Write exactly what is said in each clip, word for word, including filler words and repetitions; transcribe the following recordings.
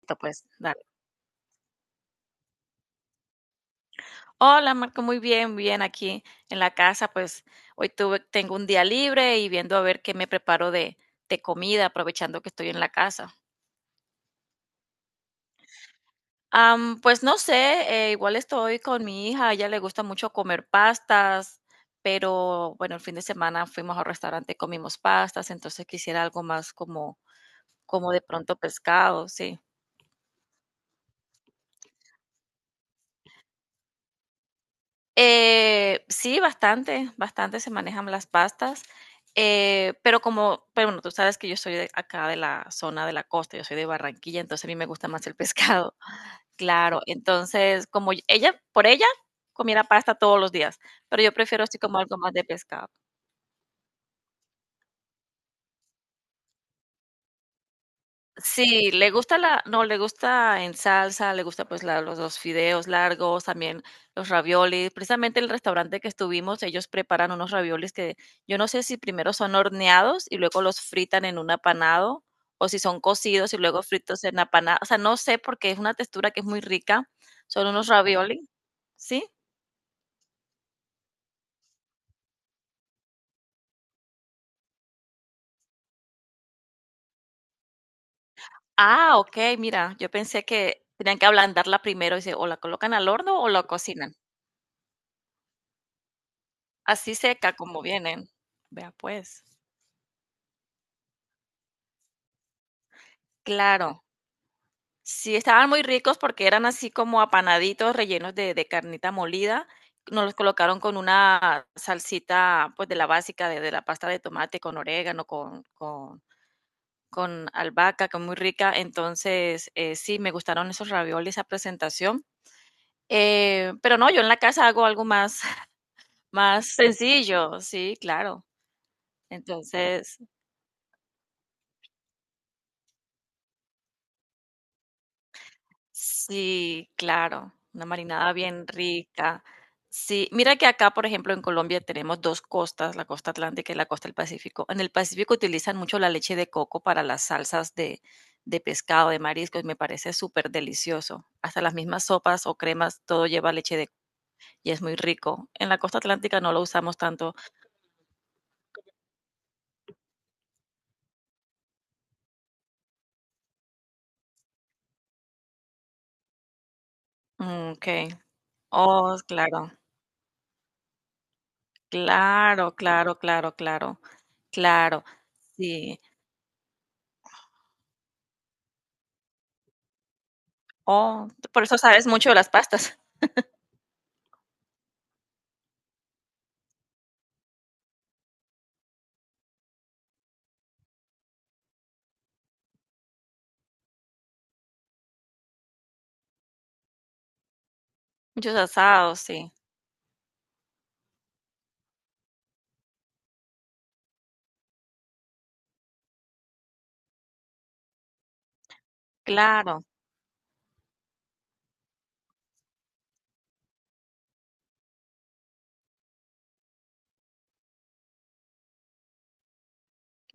Listo, pues, dale. Hola, Marco, muy bien, bien aquí en la casa, pues hoy tuve, tengo un día libre y viendo a ver qué me preparo de, de comida, aprovechando que estoy en la casa. Am, pues no sé, eh, igual estoy con mi hija, a ella le gusta mucho comer pastas, pero bueno, el fin de semana fuimos al restaurante, comimos pastas, entonces quisiera algo más como, como de pronto pescado, sí. Eh, sí, bastante, bastante se manejan las pastas, eh, pero como, pero bueno, tú sabes que yo soy de acá de la zona de la costa, yo soy de Barranquilla, entonces a mí me gusta más el pescado. Claro, entonces como y- ella, por ella, comiera pasta todos los días, pero yo prefiero así como algo más de pescado. Sí, le gusta la no, le gusta en salsa, le gusta, pues, la los los fideos largos, también los raviolis. Precisamente el restaurante que estuvimos, ellos preparan unos raviolis que yo no sé si primero son horneados y luego los fritan en un apanado, o si son cocidos y luego fritos en apanado, o sea, no sé, porque es una textura que es muy rica. Son unos raviolis, ¿sí? Ah, okey, mira, yo pensé que tenían que ablandarla primero, y se o la colocan al horno o la cocinan. Así seca como vienen. Vea, pues. Claro, sí, estaban muy ricos porque eran así como apanaditos rellenos de, de carnita molida. Nos los colocaron con una salsita, pues de la básica, de, de la pasta de tomate, con orégano, con, con, con albahaca, que es muy rica. Entonces, eh, sí, me gustaron esos raviolis, esa presentación. Eh, pero no, yo en la casa hago algo más, más sencillo, sí, claro. Entonces, sí, claro, una marinada bien rica. Sí, mira que acá, por ejemplo, en Colombia tenemos dos costas, la costa atlántica y la costa del Pacífico. En el Pacífico utilizan mucho la leche de coco para las salsas de, de pescado, de mariscos, y me parece súper delicioso. Hasta las mismas sopas o cremas, todo lleva leche de coco y es muy rico. En la costa atlántica no lo usamos tanto. Mm, ok, oh, claro, claro, claro, claro, claro, claro, sí. Oh, tú por eso sabes mucho de las pastas. Muchos asados, sí. Claro.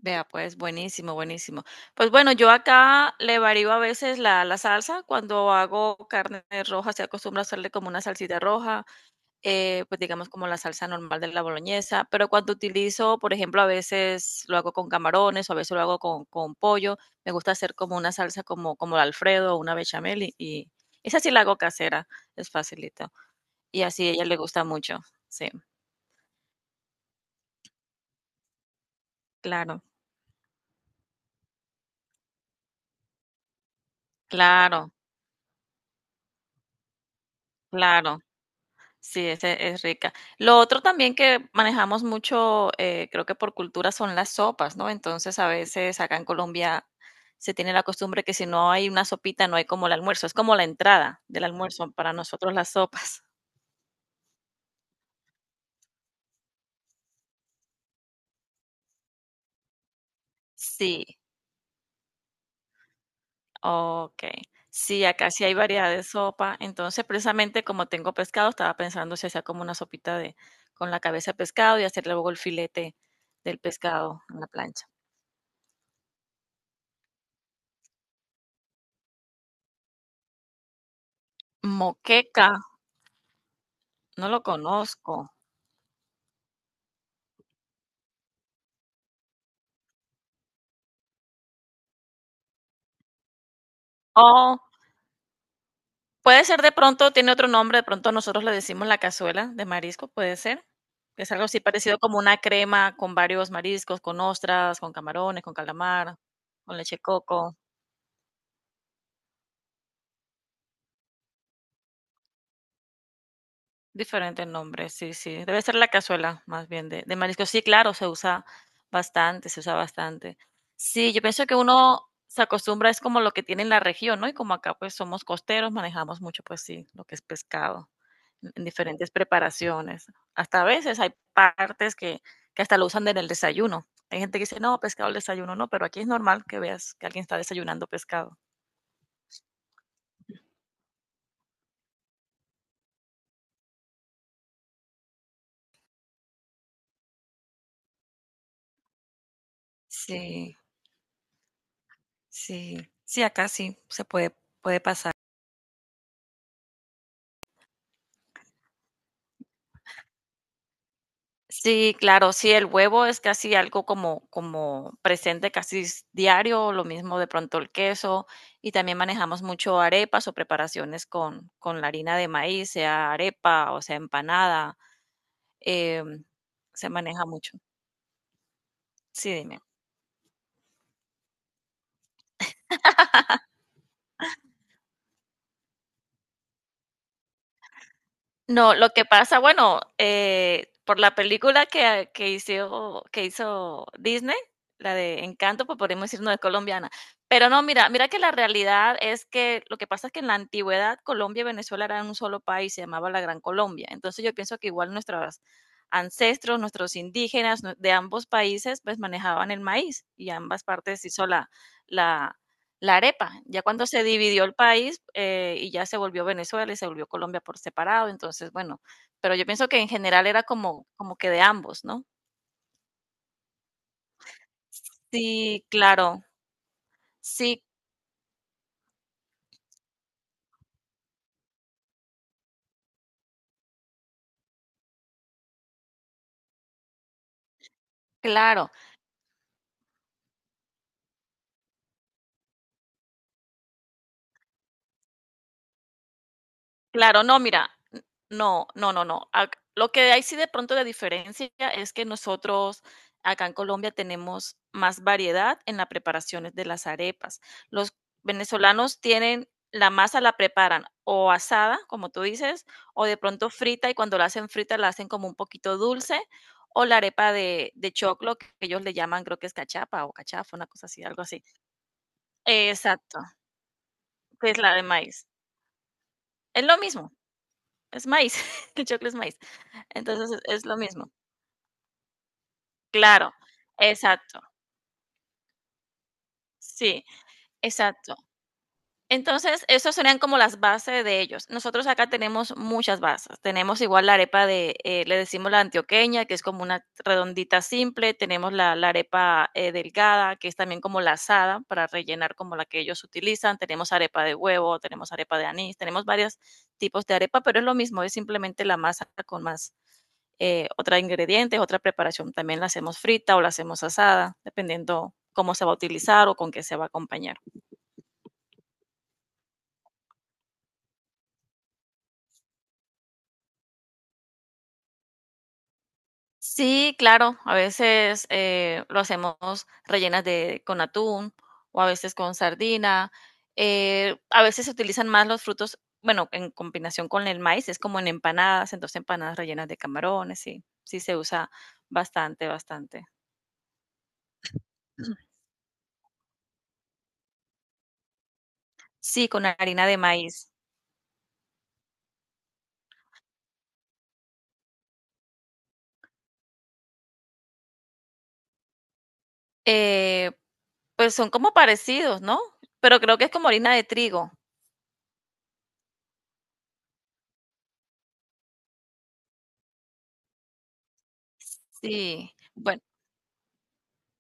Vea, pues, buenísimo, buenísimo. Pues bueno, yo acá le varío a veces la, la salsa. Cuando hago carne roja, se acostumbra a hacerle como una salsita roja, eh, pues digamos como la salsa normal de la boloñesa. Pero cuando utilizo, por ejemplo, a veces lo hago con camarones o a veces lo hago con, con pollo. Me gusta hacer como una salsa como, como el Alfredo o una bechamel y, y esa sí la hago casera, es facilito. Y así a ella le gusta mucho, sí. Claro, claro, claro. Sí, ese es rica. Lo otro también que manejamos mucho, eh, creo que por cultura, son las sopas, ¿no? Entonces, a veces acá en Colombia se tiene la costumbre que si no hay una sopita, no hay como el almuerzo. Es como la entrada del almuerzo para nosotros las sopas. Sí, ok. Sí, acá sí hay variedad de sopa. Entonces, precisamente como tengo pescado, estaba pensando si hacía como una sopita de con la cabeza de pescado y hacer luego el filete del pescado en la plancha. Moqueca, no lo conozco. Oh, puede ser de pronto, tiene otro nombre, de pronto nosotros le decimos la cazuela de marisco, puede ser. Es algo así parecido como una crema con varios mariscos, con ostras, con camarones, con calamar, con leche coco. Diferentes nombres, sí, sí. Debe ser la cazuela, más bien, de, de marisco. Sí, claro, se usa bastante, se usa bastante. Sí, yo pienso que uno se acostumbra, es como lo que tiene en la región, ¿no? Y como acá pues somos costeros, manejamos mucho, pues sí, lo que es pescado, en en diferentes preparaciones. Hasta a veces hay partes que, que hasta lo usan en el desayuno. Hay gente que dice, no, pescado al desayuno, no, pero aquí es normal que veas que alguien está desayunando pescado. Sí, sí, sí, acá sí se puede, puede pasar. Sí, claro, sí, el huevo es casi algo como como presente casi s diario, lo mismo de pronto el queso, y también manejamos mucho arepas o preparaciones con con la harina de maíz, sea arepa o sea empanada, em, se maneja mucho. Sí, dime. No, lo que pasa, bueno, eh, por la película que, que hizo, que hizo Disney, la de Encanto, pues podemos decir no es colombiana. Pero no, mira, mira que la realidad es que lo que pasa es que en la antigüedad Colombia y Venezuela eran un solo país, se llamaba la Gran Colombia. Entonces yo pienso que igual nuestros ancestros, nuestros indígenas nu- de ambos países, pues manejaban el maíz y ambas partes hizo la, la, la arepa, ya cuando se dividió el país, eh, y ya se volvió Venezuela y se volvió Colombia por separado, entonces, bueno, pero yo pienso que en general era como como que de ambos, ¿no? Sí, claro. Sí, claro. Claro, no, mira, n no, no, no, no. Ac Lo que hay sí de pronto de diferencia es que nosotros acá en Colombia tenemos más variedad en las preparaciones de las arepas. Los venezolanos tienen la masa la preparan o asada, como tú dices, o de pronto frita, y cuando la hacen frita la hacen como un poquito dulce, o la arepa de de choclo, que ellos le llaman, creo que es cachapa o cachafa, una cosa así, algo así. Exacto, que es la de maíz. Es lo mismo. Es maíz, el choclo es maíz. Entonces, es es lo mismo. Claro, exacto, sí, exacto. Entonces, esos serían como las bases de ellos. Nosotros acá tenemos muchas bases. Tenemos igual la arepa de, eh, le decimos la antioqueña, que es como una redondita simple. Tenemos la, la arepa eh, delgada, que es también como la asada, para rellenar como la que ellos utilizan. Tenemos arepa de huevo, tenemos arepa de anís, tenemos varios tipos de arepa, pero es lo mismo, es simplemente la masa con más eh, otros ingredientes, otra preparación. También la hacemos frita o la hacemos asada, dependiendo cómo se va a utilizar o con qué se va a acompañar. Sí, claro, a veces eh, lo hacemos rellenas de, con atún o a veces con sardina. Eh, a veces se utilizan más los frutos, bueno, en combinación con el maíz, es como en empanadas, entonces empanadas rellenas de camarones, sí, sí se usa bastante, bastante. Sí, con harina de maíz. Eh, pues son como parecidos, ¿no? Pero creo que es como harina de trigo. Sí, bueno,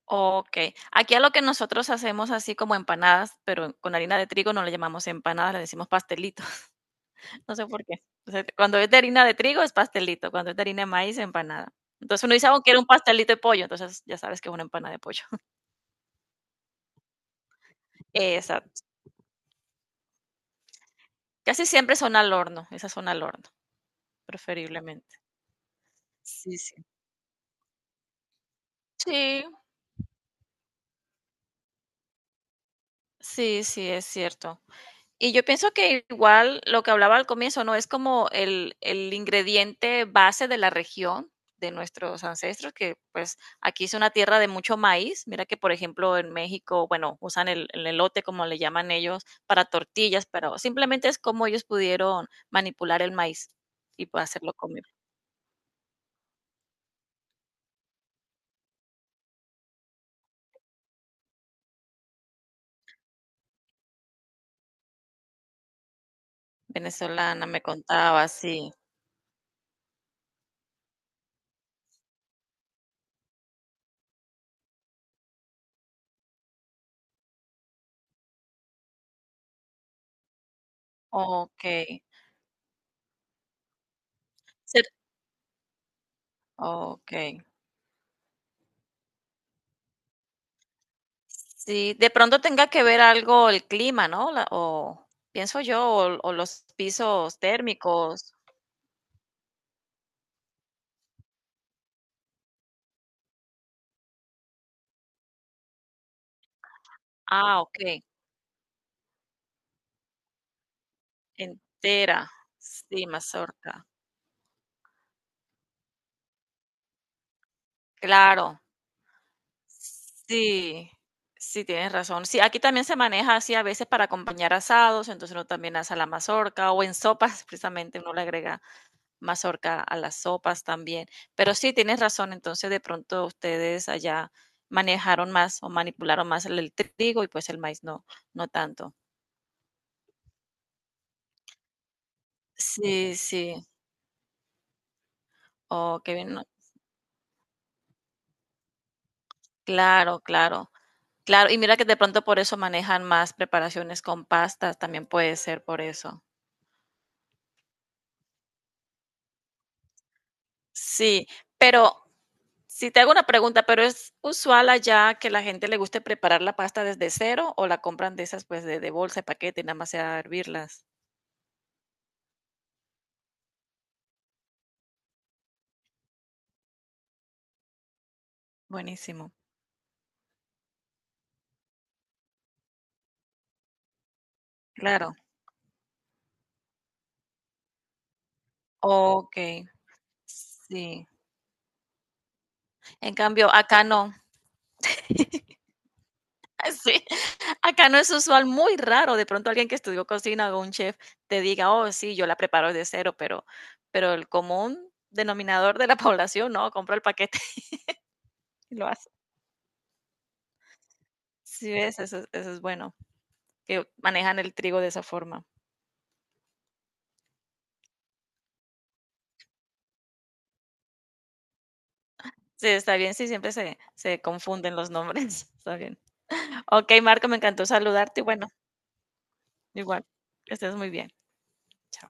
okey. Aquí a lo que nosotros hacemos así como empanadas, pero con harina de trigo no le llamamos empanadas, le decimos pastelito. No sé por qué. O sea, cuando es de harina de trigo es pastelito, cuando es de harina de maíz, empanada. Entonces uno dice: "Oh, quiero un pastelito de pollo", entonces ya sabes que es una empanada de pollo. Exacto. Casi siempre son al horno, esas son al horno, preferiblemente. Sí, sí. Sí, sí, sí, es cierto. Y yo pienso que igual lo que hablaba al comienzo, ¿no? Es como el, el ingrediente base de la región de nuestros ancestros, que pues aquí es una tierra de mucho maíz. Mira que, por ejemplo, en México, bueno, usan el, el elote, como le llaman ellos, para tortillas, pero simplemente es como ellos pudieron manipular el maíz y pues, hacerlo comer. Venezolana, me contaba, sí. Ok. Ser- Ok. Sí, de pronto tenga que ver algo el clima, ¿no? La- o pienso yo, o, o los pisos térmicos. Ah, ok, entera. Sí, mazorca. Claro. Sí, sí, tienes razón. Sí, aquí también se maneja así a veces para acompañar asados, entonces uno también asa la mazorca o en sopas, precisamente uno le agrega mazorca a las sopas también. Pero sí, tienes razón, entonces de pronto ustedes allá manejaron más o manipularon más el, el trigo y pues el maíz no, no tanto. Sí, sí. Oh, qué bien. no- Claro, claro. Claro, y mira que de pronto por eso manejan más preparaciones con pastas, también puede ser por eso. Sí, pero si te hago una pregunta, ¿pero es usual allá que la gente le guste preparar la pasta desde cero o la compran de esas pues de, de bolsa, de paquete, y nada más sea hervirlas? Buenísimo. Claro, okey, sí. En cambio, acá no. Sí, acá no es usual, muy raro, de pronto alguien que estudió cocina o un chef te diga: "Oh, sí, yo la preparo de cero", pero pero el común denominador de la población, no, compra el paquete y lo hace. Sí, ves, eso es- eso es bueno, que manejan el trigo de esa forma. Sí, está bien, sí, siempre se se confunden los nombres, está bien. Okey, Marco, me encantó saludarte y bueno, igual, que estés muy bien. Chao.